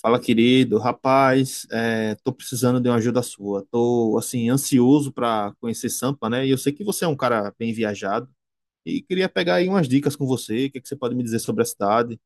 Fala, querido. Rapaz, tô precisando de uma ajuda sua. Tô, assim, ansioso para conhecer Sampa, né? E eu sei que você é um cara bem viajado e queria pegar aí umas dicas com você. O que é que você pode me dizer sobre a cidade?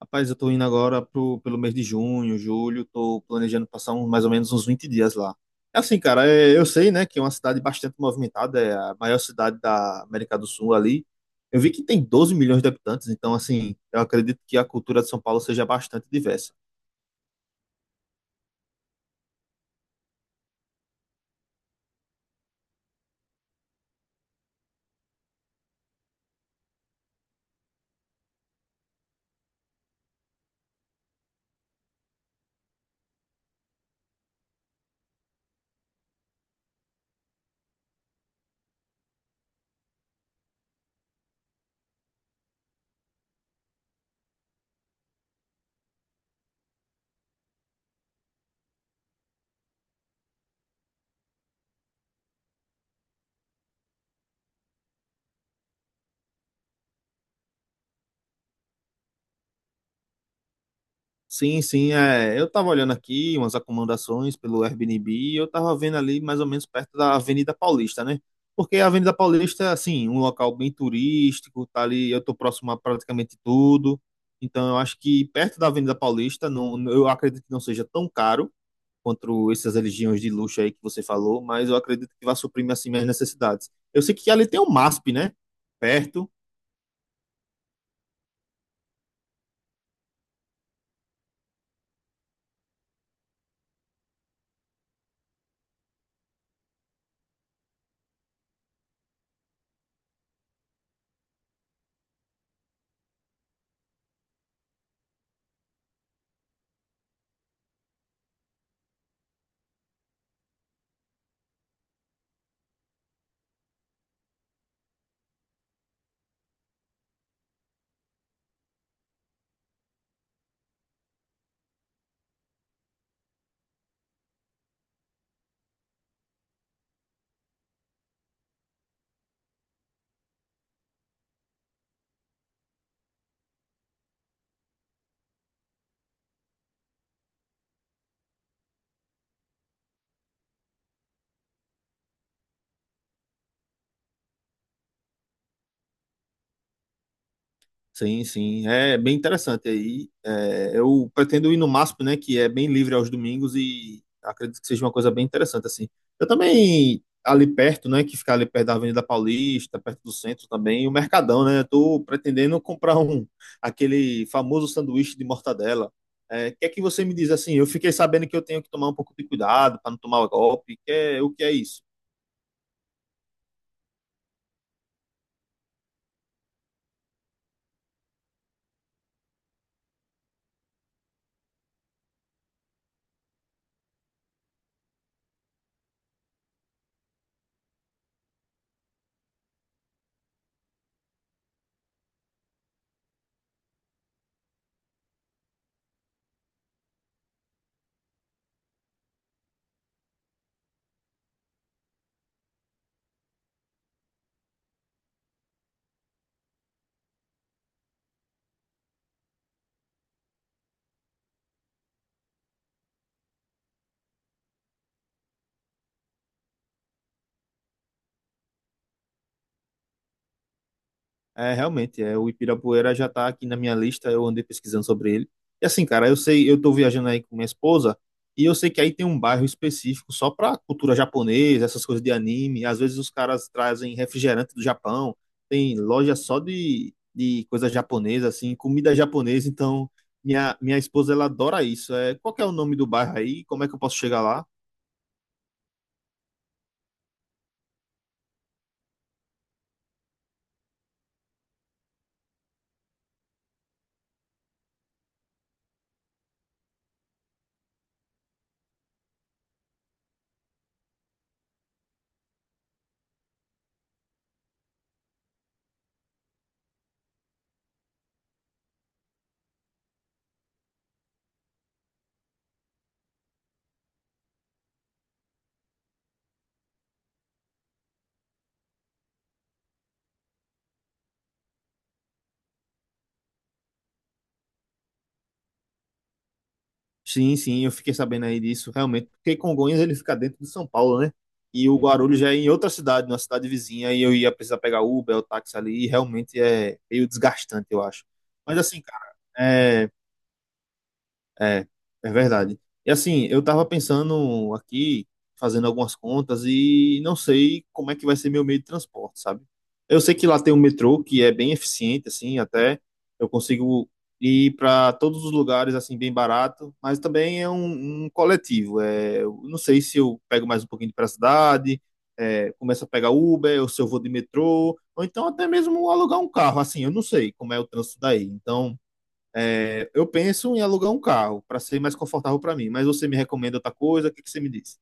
Rapaz, eu tô indo agora pelo mês de junho, julho. Tô planejando passar mais ou menos uns 20 dias lá. É assim, cara, eu sei, né, que é uma cidade bastante movimentada. É a maior cidade da América do Sul ali. Eu vi que tem 12 milhões de habitantes, então, assim, eu acredito que a cultura de São Paulo seja bastante diversa. Sim, sim, é. Eu tava olhando aqui umas acomodações pelo Airbnb e eu tava vendo ali mais ou menos perto da Avenida Paulista, né? Porque a Avenida Paulista é assim, um local bem turístico, tá ali, eu tô próximo a praticamente tudo. Então eu acho que perto da Avenida Paulista, não, eu acredito que não seja tão caro quanto essas religiões de luxo aí que você falou, mas eu acredito que vai suprir assim minhas necessidades. Eu sei que ali tem o MASP, né? Perto. Sim, sim, é bem interessante aí. É, eu pretendo ir no MASP, né, que é bem livre aos domingos e acredito que seja uma coisa bem interessante assim. Eu também ali perto, né, que fica ali perto da Avenida Paulista, perto do centro também, o Mercadão, né? Eu tô pretendendo comprar um aquele famoso sanduíche de mortadela. É, o que é que você me diz assim? Eu fiquei sabendo que eu tenho que tomar um pouco de cuidado para não tomar golpe. Que o que é isso? É, realmente, é, o Ibirapuera já tá aqui na minha lista, eu andei pesquisando sobre ele. E assim, cara, eu sei, eu tô viajando aí com minha esposa, e eu sei que aí tem um bairro específico só pra cultura japonesa, essas coisas de anime. Às vezes os caras trazem refrigerante do Japão, tem loja só de coisa japonesa, assim, comida japonesa. Então, minha esposa, ela adora isso. É, qual que é o nome do bairro aí? Como é que eu posso chegar lá? Sim, sim, eu fiquei sabendo aí disso, realmente, porque Congonhas ele fica dentro de São Paulo, né? E o Guarulhos já é em outra cidade, numa cidade vizinha, e eu ia precisar pegar Uber ou táxi ali, e realmente é meio desgastante, eu acho. Mas assim, cara, é, é verdade. E assim, eu tava pensando aqui, fazendo algumas contas, e não sei como é que vai ser meu meio de transporte, sabe? Eu sei que lá tem um metrô que é bem eficiente, assim, até eu consigo ir para todos os lugares, assim, bem barato, mas também é um coletivo. É, eu não sei se eu pego mais um pouquinho para a cidade, começo a pegar Uber, ou se eu vou de metrô, ou então até mesmo alugar um carro, assim, eu não sei como é o trânsito daí. Então. É, eu penso em alugar um carro para ser mais confortável para mim, mas você me recomenda outra coisa? O que que você me diz?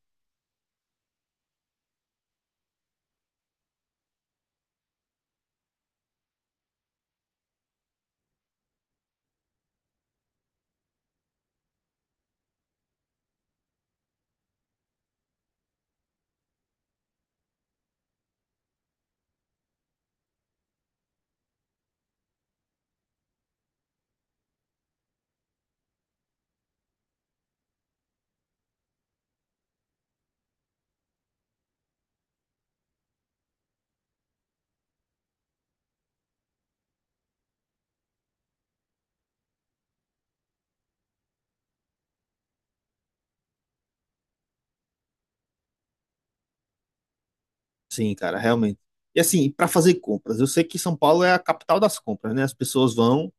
Sim, cara, realmente. E assim, para fazer compras, eu sei que São Paulo é a capital das compras, né? As pessoas vão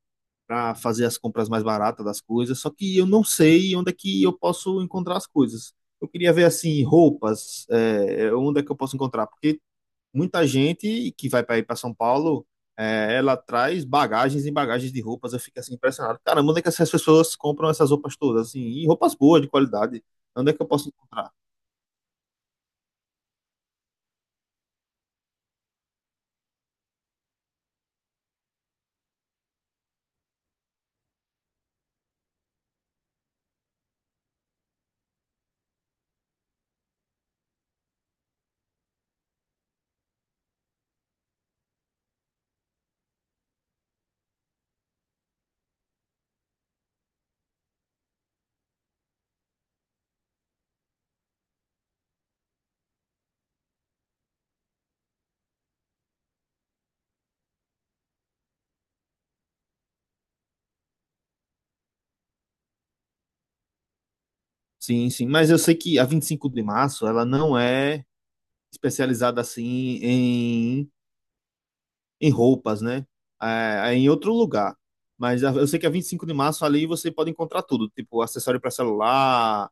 para fazer as compras mais baratas das coisas, só que eu não sei onde é que eu posso encontrar as coisas. Eu queria ver assim roupas, é, onde é que eu posso encontrar, porque muita gente que vai para ir para São Paulo, é, ela traz bagagens e bagagens de roupas. Eu fico assim impressionado. Caramba, onde é que essas pessoas compram essas roupas todas? Assim, e roupas boas, de qualidade. Onde é que eu posso encontrar? Sim, sim. Mas eu sei que a 25 de Março, ela não é especializada assim em, em roupas, né? É, é em outro lugar. Mas a- eu sei que a 25 de março ali você pode encontrar tudo, tipo acessório para celular,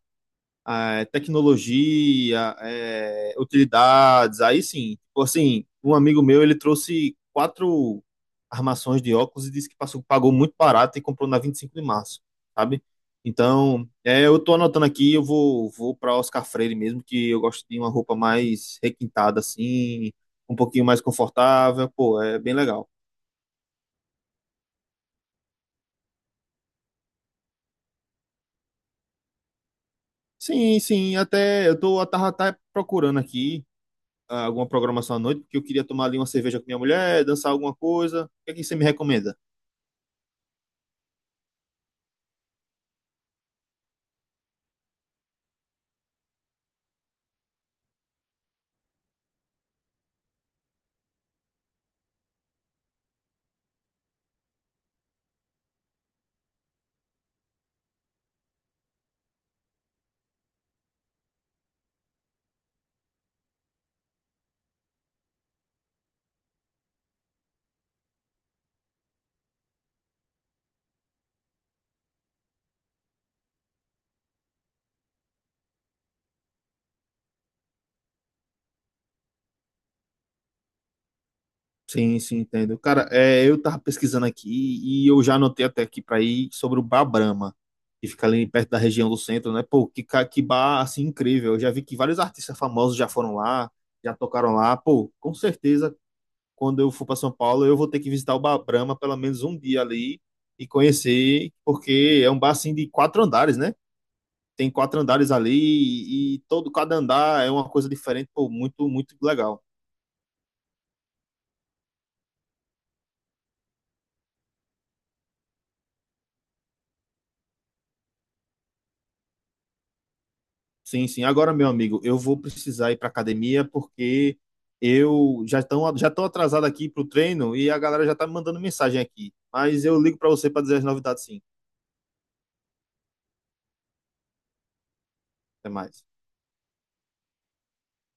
é, tecnologia, é, utilidades, aí sim. Tipo assim, um amigo meu, ele trouxe quatro armações de óculos e disse que passou, pagou muito barato e comprou na 25 de Março, sabe? Então, é, eu tô anotando aqui, vou para Oscar Freire mesmo, que eu gosto de uma roupa mais requintada assim, um pouquinho mais confortável, pô, é bem legal. Sim, sim, até eu tô eu tava até procurando aqui alguma programação à noite, porque eu queria tomar ali uma cerveja com minha mulher, dançar alguma coisa. O que é que você me recomenda? Sim, sim, entendo. Cara, é, eu tava pesquisando aqui e eu já anotei até aqui para ir sobre o Bar Brahma, que fica ali perto da região do centro, né? Pô, que bar, assim, incrível. Eu já vi que vários artistas famosos já foram lá, já tocaram lá. Pô, com certeza, quando eu for para São Paulo, eu vou ter que visitar o Bar Brahma pelo menos um dia ali e conhecer, porque é um bar, assim, de quatro andares, né? Tem quatro andares ali e todo cada andar é uma coisa diferente, pô, muito, muito legal. Sim, sim. Agora, meu amigo, eu vou precisar ir para academia porque eu já estão atrasado aqui pro treino e a galera já tá me mandando mensagem aqui. Mas eu ligo para você para dizer as novidades, sim. Até mais.